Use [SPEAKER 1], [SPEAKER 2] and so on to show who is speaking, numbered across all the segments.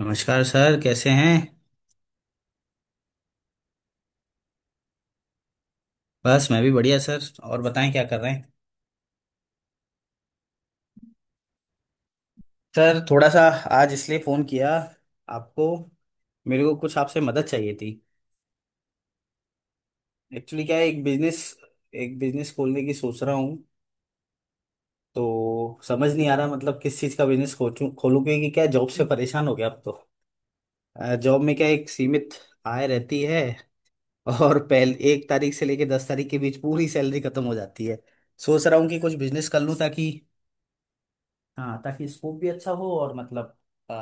[SPEAKER 1] नमस्कार सर, कैसे हैं। बस मैं भी बढ़िया सर। और बताएं क्या कर रहे हैं। सर थोड़ा सा, आज इसलिए फ़ोन किया आपको, मेरे को कुछ आपसे मदद चाहिए थी। एक्चुअली क्या है, एक बिजनेस खोलने की सोच रहा हूँ। तो समझ नहीं आ रहा मतलब किस चीज़ का बिजनेस खोलूँ खोलूँ, क्योंकि क्या जॉब से परेशान हो गया अब तो। जॉब में क्या एक सीमित आय रहती है, और पहले 1 तारीख से लेके 10 तारीख के बीच पूरी सैलरी खत्म हो जाती है। सोच रहा हूँ कि कुछ बिजनेस कर लूँ ताकि, हाँ, ताकि स्कोप भी अच्छा हो और मतलब आ,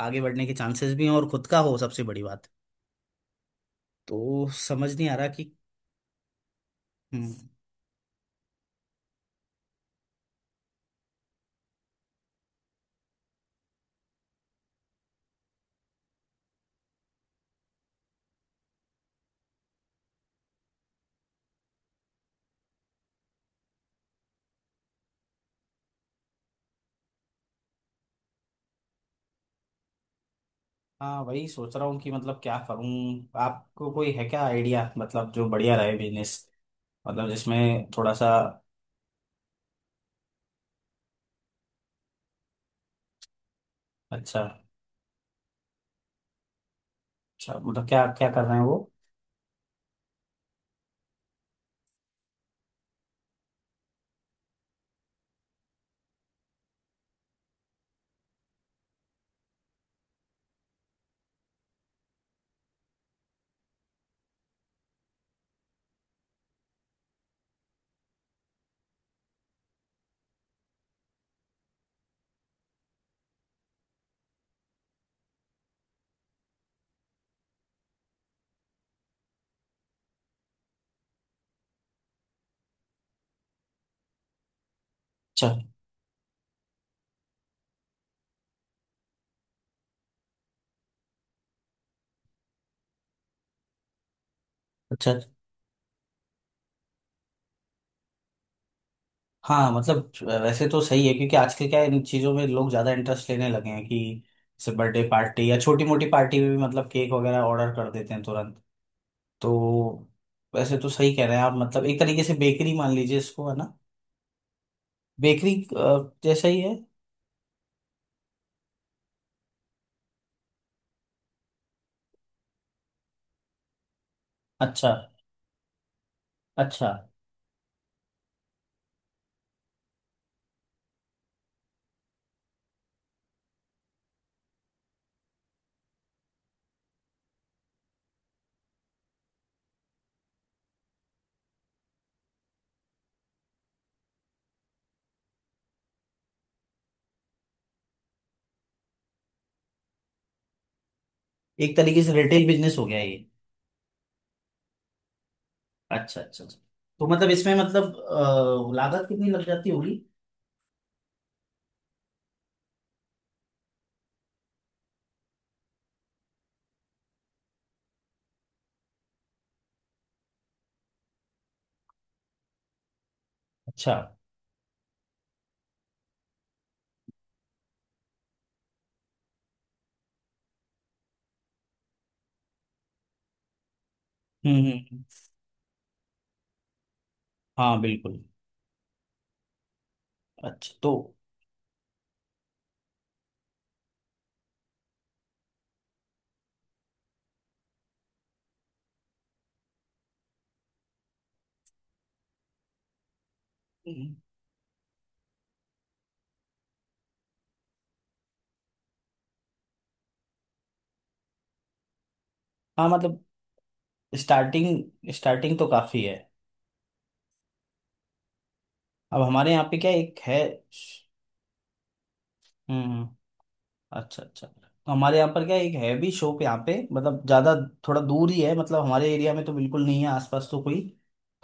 [SPEAKER 1] आगे बढ़ने के चांसेस भी हों, और खुद का हो सबसे बड़ी बात। तो समझ नहीं आ रहा कि, हम्म, हाँ, वही सोच रहा हूँ कि मतलब क्या करूँ। आपको कोई है क्या आइडिया, मतलब जो बढ़िया रहे बिजनेस, मतलब जिसमें थोड़ा सा। अच्छा, अच्छा, मतलब क्या क्या कर रहे हैं वो। अच्छा, अच्छा, हाँ मतलब, वैसे तो सही है क्योंकि आजकल क्या है, इन चीज़ों में लोग ज़्यादा इंटरेस्ट लेने लगे हैं कि जैसे बर्थडे पार्टी या छोटी मोटी पार्टी में भी मतलब केक वगैरह ऑर्डर कर देते हैं तुरंत। तो वैसे तो सही कह रहे हैं आप, मतलब एक तरीके से बेकरी मान लीजिए इसको है ना, बेकरी जैसा ही है। अच्छा, अच्छा, एक तरीके से रिटेल बिजनेस हो गया ये। अच्छा, अच्छा, अच्छा। तो मतलब इसमें मतलब लागत कितनी लग जाती होगी। अच्छा। हम्म, हम्म, हाँ बिल्कुल। अच्छा तो, हम्म, हाँ मतलब, स्टार्टिंग स्टार्टिंग तो काफी है। अब हमारे यहाँ पे क्या एक है। हम्म। अच्छा, अच्छा, तो हमारे यहाँ पर क्या एक है भी शॉप, यहाँ पे मतलब ज्यादा थोड़ा दूर ही है। मतलब हमारे एरिया में तो बिल्कुल नहीं है आसपास तो कोई,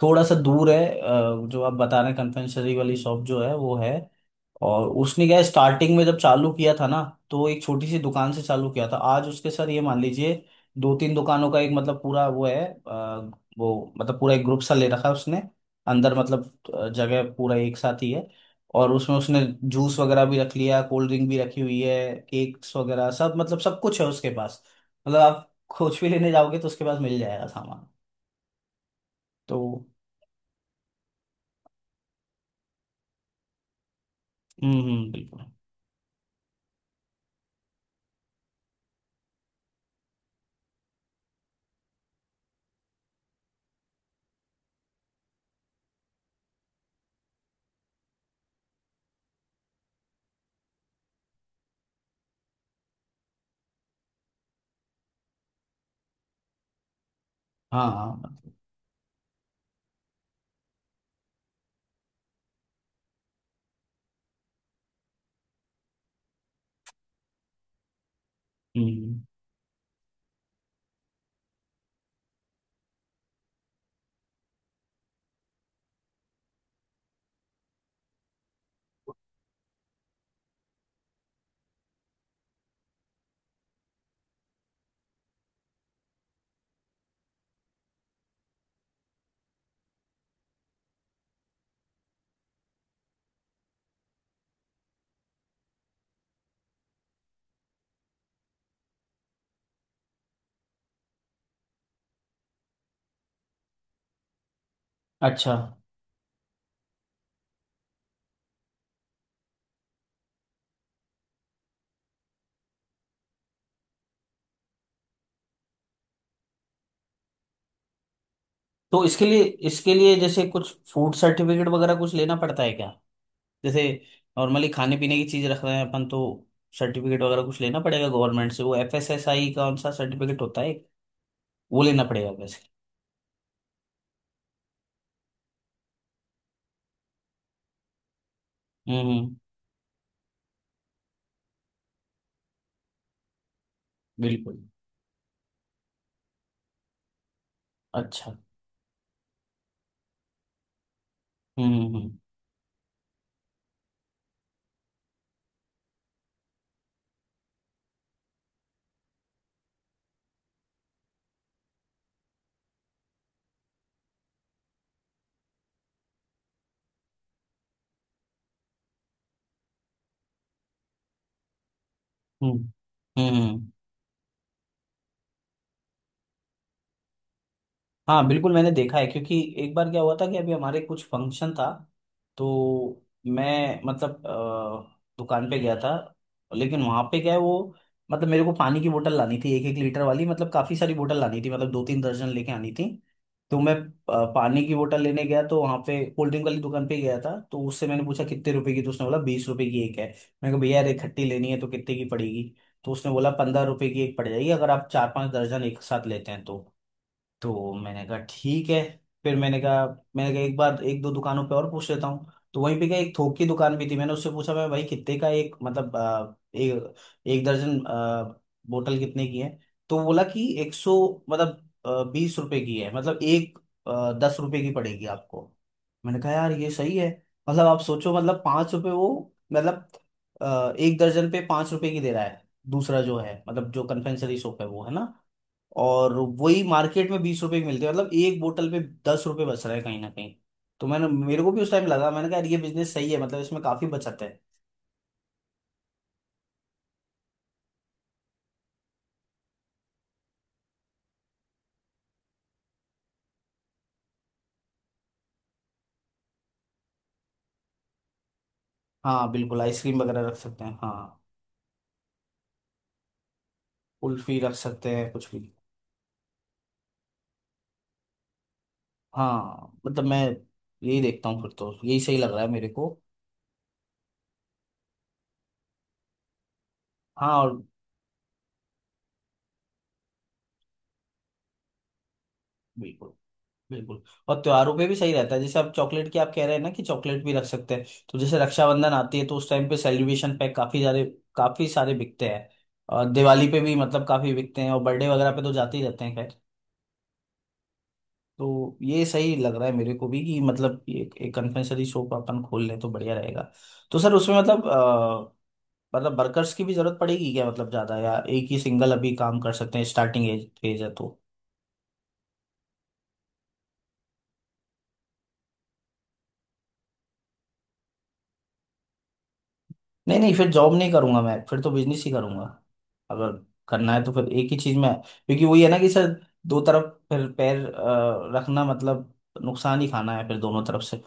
[SPEAKER 1] थोड़ा सा दूर है जो आप बता रहे हैं कन्फेक्शनरी वाली शॉप जो है वो है। और उसने क्या स्टार्टिंग में जब चालू किया था ना, तो एक छोटी सी दुकान से चालू किया था, आज उसके सर ये मान लीजिए दो तीन दुकानों का एक मतलब पूरा वो है। वो मतलब पूरा एक ग्रुप सा ले रखा है उसने, अंदर मतलब, जगह पूरा एक साथ ही है। और उसमें उसने जूस वगैरह भी रख लिया, कोल्ड ड्रिंक भी रखी हुई है, केक्स वगैरह सब मतलब सब कुछ है उसके पास। मतलब आप कुछ भी लेने जाओगे तो उसके पास मिल जाएगा सामान, तो। हम्म, हम्म, बिल्कुल। हाँ, हाँ। हम्म, अच्छा, तो इसके लिए जैसे कुछ फूड सर्टिफिकेट वगैरह कुछ लेना पड़ता है क्या। जैसे नॉर्मली खाने पीने की चीज रख रहे हैं अपन तो सर्टिफिकेट वगैरह कुछ लेना पड़ेगा गवर्नमेंट से। वो एफएसएसआई कौन सा सर्टिफिकेट होता है, वो लेना पड़ेगा वैसे। हम्म, बिल्कुल। अच्छा। हम्म, हम्म, हम्म, हम्म, हाँ बिल्कुल, मैंने देखा है, क्योंकि एक बार क्या हुआ था कि अभी हमारे कुछ फंक्शन था। तो मैं मतलब दुकान पे गया था, लेकिन वहां पे क्या है वो, मतलब मेरे को पानी की बोतल लानी थी, एक एक लीटर वाली, मतलब काफी सारी बोतल लानी थी, मतलब दो तीन दर्जन लेके आनी थी। तो मैं पानी की बोतल लेने गया तो वहां पे कोल्ड ड्रिंक वाली दुकान पे गया था। तो उससे मैंने पूछा कितने रुपए की, तो उसने बोला 20 रुपए की एक है। मैंने कहा भैया यार एक खट्टी लेनी है तो कितने की पड़ेगी। तो उसने बोला 15 रुपए की एक पड़ जाएगी अगर आप चार पांच दर्जन एक साथ लेते हैं तो। तो मैंने कहा ठीक है। फिर मैंने कहा, मैंने कहा एक बार एक दो दुकानों पे और पूछ लेता हूँ। तो वहीं पे क्या एक थोक की दुकान भी थी, मैंने उससे पूछा, मैं भाई कितने का एक मतलब एक एक दर्जन बोतल कितने की है। तो वो बोला कि 100 मतलब 20 रुपए की है, मतलब एक 10 रुपए की पड़ेगी आपको। मैंने कहा यार ये सही है, मतलब आप सोचो, मतलब 5 रुपए वो, मतलब एक दर्जन पे 5 रुपए की दे रहा है। दूसरा जो है मतलब जो कन्फेक्शनरी शॉप है वो है ना, और वही मार्केट में 20 रुपए की मिलती है, मतलब एक बोतल पे 10 रुपए बच रहा है कहीं ना कहीं। तो मैंने, मेरे को भी उस टाइम लगा, मैंने कहा यार ये बिजनेस सही है, मतलब इसमें काफी बचत है। हाँ बिल्कुल, आइसक्रीम वगैरह रख सकते हैं हाँ, कुल्फी रख सकते हैं, कुछ भी। हाँ मतलब, मैं यही देखता हूँ फिर, तो यही सही लग रहा है मेरे को। हाँ और, बिल्कुल, बिल्कुल, और त्योहारों पे भी सही रहता है, जैसे आप चॉकलेट की आप कह रहे हैं ना कि चॉकलेट भी रख सकते हैं। तो जैसे रक्षाबंधन आती है तो उस टाइम पे सेलिब्रेशन पैक काफी सारे, काफी सारे बिकते हैं। और दिवाली पे भी मतलब काफी बिकते हैं, और बर्थडे वगैरह पे तो जाते ही रहते हैं, खैर। तो ये सही लग रहा है मेरे को भी कि मतलब ये एक कन्फेक्शनरी शॉप अपन खोल लें तो बढ़िया रहेगा। तो सर उसमें मतलब मतलब वर्कर्स की भी जरूरत पड़ेगी क्या, मतलब ज्यादा, या एक ही सिंगल अभी काम कर सकते हैं, स्टार्टिंग एज फेज है तो। नहीं नहीं फिर जॉब नहीं करूंगा मैं, फिर तो बिजनेस ही करूंगा अगर करना है, तो फिर एक ही चीज में, क्योंकि वही है ना कि सर, दो तरफ फिर पैर रखना मतलब नुकसान ही खाना है फिर दोनों तरफ से।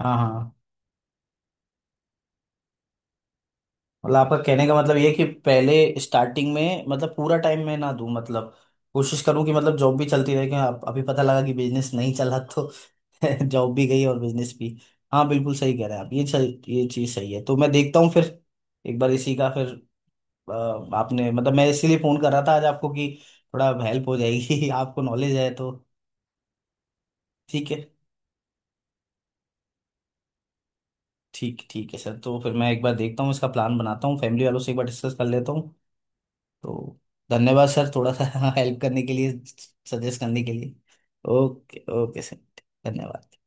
[SPEAKER 1] हाँ, हाँ, मतलब आपका कहने का मतलब ये है कि पहले स्टार्टिंग में मतलब पूरा टाइम मैं ना दूं, मतलब कोशिश करूं कि मतलब जॉब भी चलती रहे कि आप अभी पता लगा कि बिजनेस नहीं चला तो जॉब भी गई और बिजनेस भी। हाँ बिल्कुल सही कह रहे हैं आप, ये सही, ये चीज़ सही है। तो मैं देखता हूँ फिर, एक बार इसी का फिर, अ, आपने मतलब, मैं इसीलिए फोन कर रहा था आज आपको कि थोड़ा हेल्प हो जाएगी, आपको नॉलेज है तो। ठीक है। ठीक, ठीक है सर, तो फिर मैं एक बार देखता हूँ, इसका प्लान बनाता हूँ, फैमिली वालों से एक बार डिस्कस कर लेता हूँ तो। धन्यवाद सर, थोड़ा सा हेल्प करने के लिए, सजेस्ट करने के लिए। ओके ओके सर, धन्यवाद।